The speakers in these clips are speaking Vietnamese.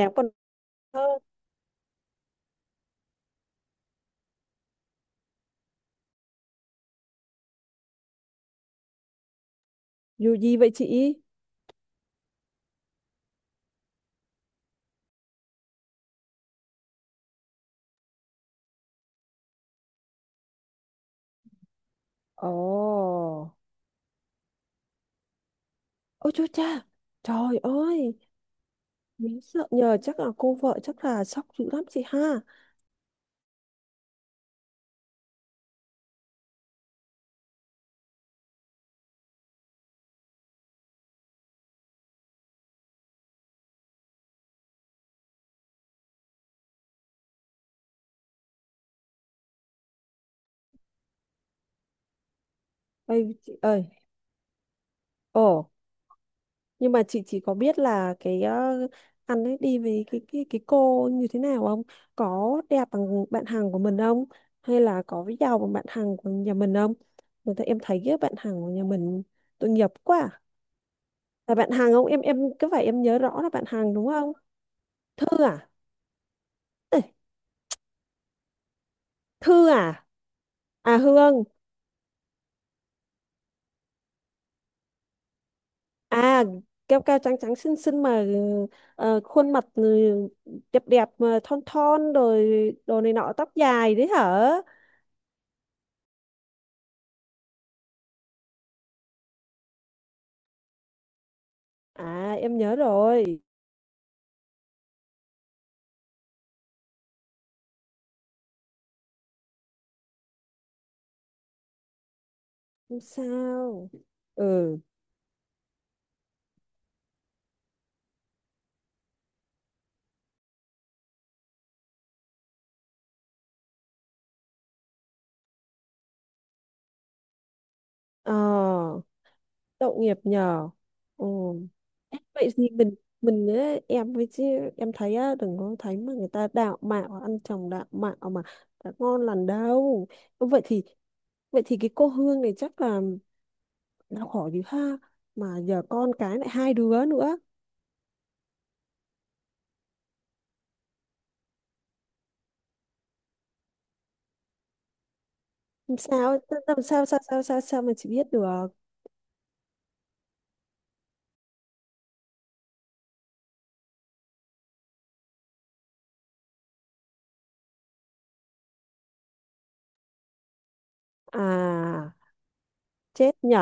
Nhạc còn thơ dù gì vậy chị? Ồ, ôi chúa cha, trời ơi, mình sợ nhờ, chắc là cô vợ chắc là sốc dữ lắm chị ha. Ơi chị ơi, ồ, nhưng mà chị chỉ có biết là cái anh ấy đi với cái cô như thế nào không, có đẹp bằng bạn hàng của mình không, hay là có giàu bằng bạn hàng của nhà mình không? Người ta em thấy cái bạn hàng của nhà mình tội nghiệp quá à. Là bạn hàng không, em cứ phải em nhớ rõ là bạn hàng đúng không? Thư à? Ê, Thư à? À Hương. À, cao cao trắng trắng xinh xinh mà, ờ, khuôn mặt, ừ, đẹp đẹp mà thon thon rồi đồ này nọ, tóc dài đấy hả? À em nhớ rồi. Không sao. Ừ. Ờ, tội nghiệp nhờ. Ừ. Vậy thì mình á, em với chứ em thấy á, đừng có thấy mà người ta đạo mạo, ăn chồng đạo mạo mà đã ngon lành đâu. Vậy thì, vậy thì cái cô Hương này chắc là đau khổ dữ ha, mà giờ con cái lại hai đứa nữa. Làm sao, làm sao, sao sao sao sao mà chị biết được? À, chết nhỉ.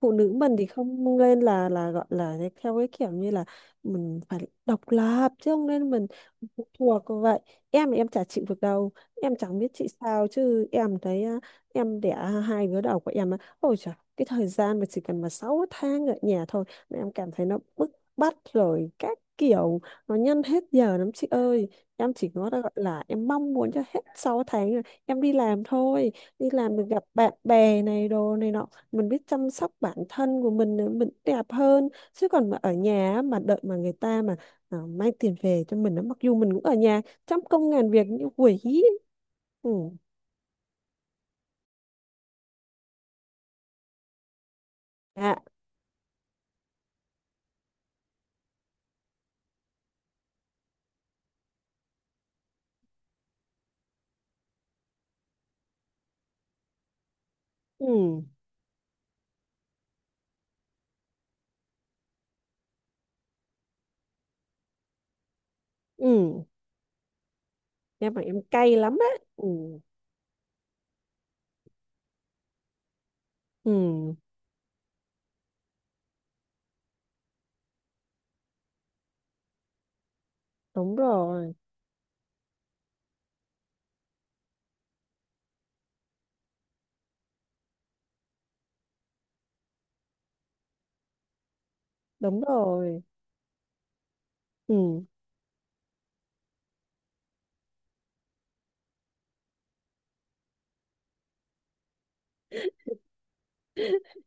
Phụ nữ mình thì không nên là gọi là cái- theo cái kiểu như là mình phải độc lập, chứ không nên mình phụ thuộc vậy. Em thì em chả chịu được đâu. Em chẳng biết chị sao chứ em thấy á, em đẻ hai đứa đầu của em á, ôi trời, cái thời gian mà chỉ cần mà 6 tháng ở nhà thôi là em cảm thấy nó bức bách rồi các kiểu, nó nhân hết giờ lắm chị ơi. Em chỉ có gọi là em mong muốn cho hết 6 tháng rồi em đi làm thôi. Đi làm được gặp bạn bè này đồ này nọ, mình biết chăm sóc bản thân của mình nữa, mình đẹp hơn, chứ còn mà ở nhà á, mà đợi mà người ta mà à, mang tiền về cho mình á, mặc dù mình cũng ở nhà trăm công ngàn việc như quỷ. Ừ, à, ừ, ừ, nhưng mà em cay lắm á. Ừ, ừ, đúng rồi, đúng rồi, ừ.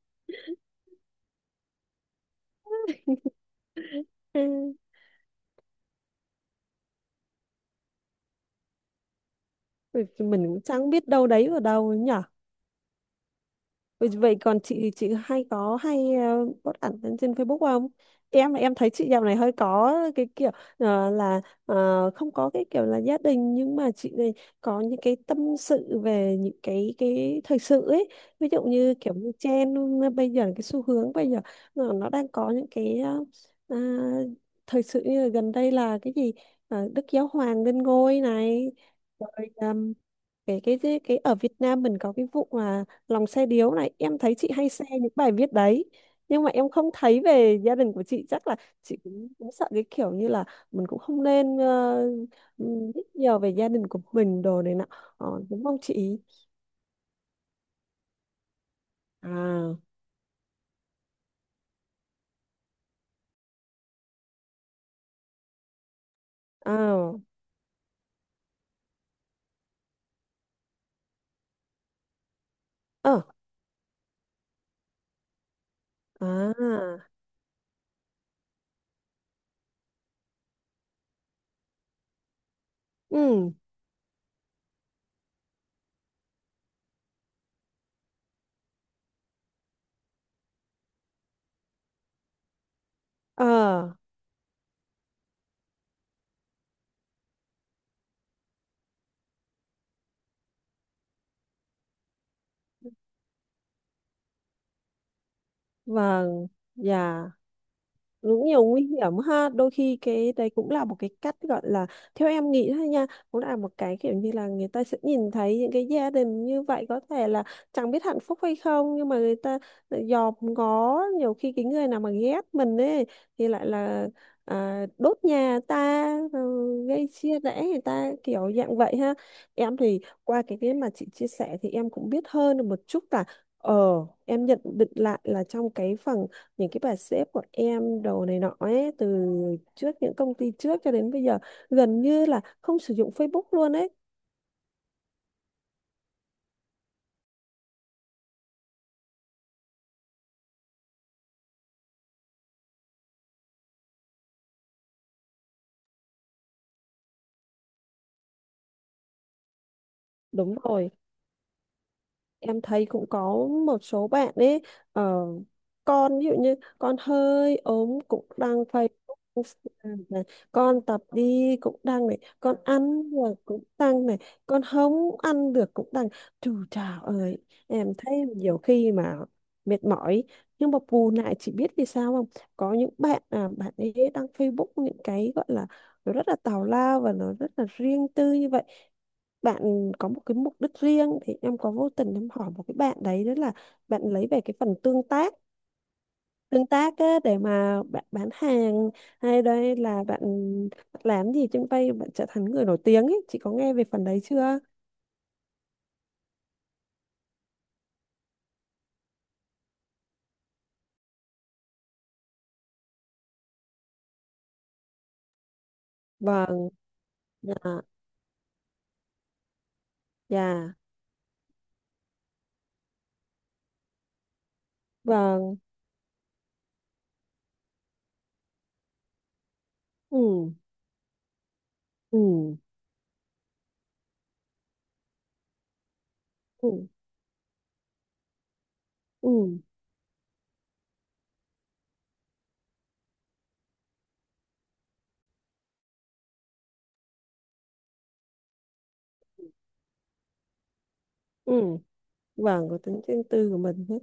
Ừ, mình cũng chẳng biết đâu đấy ở đâu ấy nhỉ. Vậy vậy còn chị hay có hay, ờ, post ảnh lên trên Facebook không? Em thấy chị dạo này hơi có cái kiểu, ờ, là, ờ, không có cái kiểu là gia đình, nhưng mà chị này có những cái tâm sự về những cái thời sự ấy. Ví dụ như kiểu như trend, ờ, bây giờ cái xu hướng bây giờ nó đang có những cái, ờ, à, thời sự như là gần đây là cái gì. Ờ, Đức Giáo Hoàng lên ngôi này, rồi, ờm, cái ở Việt Nam mình có cái vụ mà lòng xe điếu này, em thấy chị hay share những bài viết đấy. Nhưng mà em không thấy về gia đình của chị, chắc là chị cũng, cũng sợ cái kiểu như là mình cũng không nên, biết nhiều về gia đình của mình đồ này nọ, ờ, đúng không chị? À, à, ờ, à, ừ, ờ, vâng, dạ. Cũng nhiều nguy hiểm ha, đôi khi cái đấy cũng là một cái cách gọi là, theo em nghĩ thôi nha, cũng là một cái kiểu như là người ta sẽ nhìn thấy những cái gia đình như vậy, có thể là chẳng biết hạnh phúc hay không, nhưng mà người ta lại dòm ngó, nhiều khi cái người nào mà ghét mình ấy thì lại là à, đốt nhà ta rồi gây chia rẽ người ta kiểu dạng vậy ha. Em thì qua cái mà chị chia sẻ thì em cũng biết hơn được một chút là, ờ, em nhận định lại là trong cái phần những cái bà sếp của em đồ này nọ ấy, từ trước những công ty trước cho đến bây giờ gần như là không sử dụng Facebook luôn ấy. Đúng rồi, em thấy cũng có một số bạn ấy, ờ, con ví dụ như con hơi ốm cũng đăng Facebook, Instagram này, con tập đi cũng đăng này, con ăn rồi cũng đăng này, con không ăn được cũng đăng. Trời, trời ơi. Em thấy nhiều khi mà mệt mỏi, nhưng mà bù lại chỉ biết vì sao không, có những bạn à, bạn ấy đăng Facebook những cái gọi là nó rất là tào lao và nó rất là riêng tư như vậy, bạn có một cái mục đích riêng. Thì em có vô tình em hỏi một cái bạn đấy, đó là bạn lấy về cái phần tương tác, tương tác á, để mà bạn bán hàng, hay đây là bạn làm gì trên vay bạn trở thành người nổi tiếng ấy. Chị có nghe về phần đấy chưa? Vâng, dạ, dạ, vâng, ừ, ừ, ừ, ừ, ừ, vâng, có tính riêng tư của mình hết.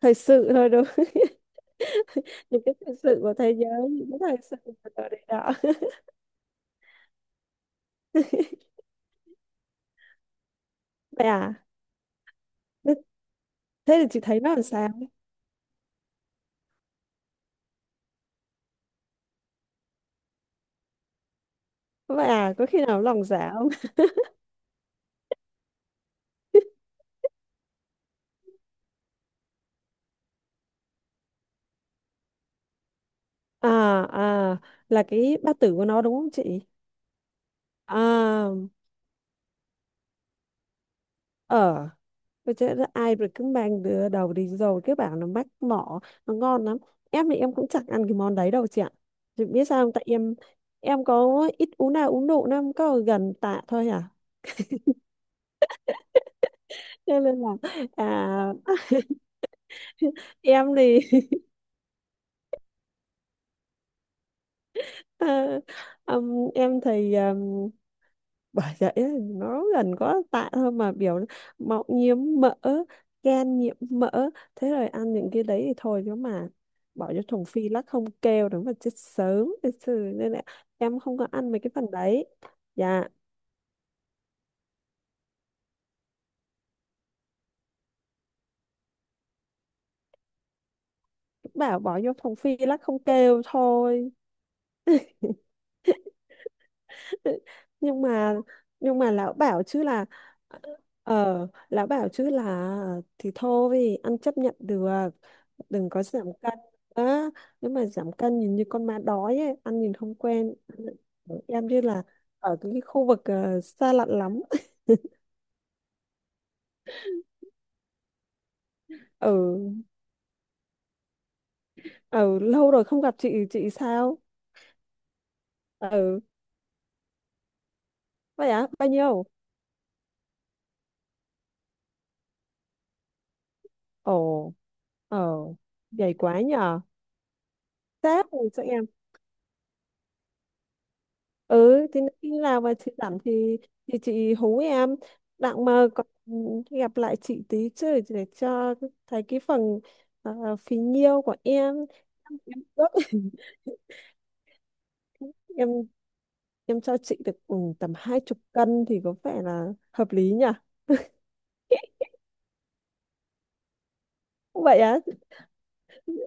Thời sự thôi đúng không? Những cái thời sự của thế giới, những cái thời sự của đời đó. Vậy à, thế thì chị thấy nó làm sao? Vậy à, có khi nào lòng dạ không? À, à, là cái bát tử của nó đúng không chị? À, ở tôi chứ ai, rồi cứ mang đứa đầu đi rồi cứ bảo nó mách mỏ, nó ngon lắm. Em thì em cũng chẳng ăn cái món đấy đâu chị ạ. Chị biết sao không, tại em có ít uống nào, uống độ nó có gần tạ thôi à. Cho nên là à. Em thì à, em thì bởi vậy ấy, nó gần có tạ thôi mà biểu nó mọng nhiễm mỡ, gan nhiễm mỡ, thế rồi ăn những cái đấy thì thôi chứ mà bỏ vô thùng phi lắc không kêu đúng mà chết sớm thật sự, nên là em không có ăn mấy cái phần đấy. Dạ, bảo bỏ vô thùng phi lắc không kêu thôi. nhưng mà nhưng mà lão bảo chứ là, ờ, lão bảo chứ là thì thôi ăn chấp nhận được, đừng có giảm cân, đó, nếu mà giảm cân nhìn như con ma đói ấy, ăn nhìn không quen. Ừ, em như là ở cái khu vực, ờ, xa lạ lắm. Ở, ở lâu rồi không gặp chị sao? Ừ, vậy á, bao nhiêu? Ồ, ờ, dày quá nhờ. Sếp rồi cho em. Ừ thì khi nào mà chị giảm thì chị hú em, đặng mà còn gặp lại chị tí chứ, để cho thấy cái phần, ờ, phí nhiêu của em. Em ước. em em cho chị được, ừ, tầm hai chục cân thì có vẻ là hợp lý nhỉ? Vậy á,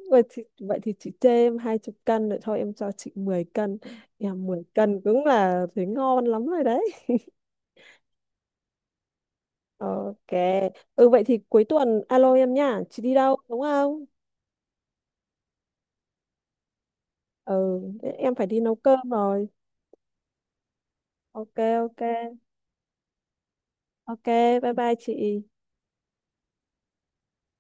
vậy thì chị chê em hai chục cân rồi thôi em cho chị 10 cân. Em 10 cân cũng là thấy ngon lắm rồi đấy. OK, ừ vậy thì cuối tuần alo em nha, chị đi đâu đúng không? Ừ, em phải đi nấu cơm rồi. OK, OK. OK, bye bye chị.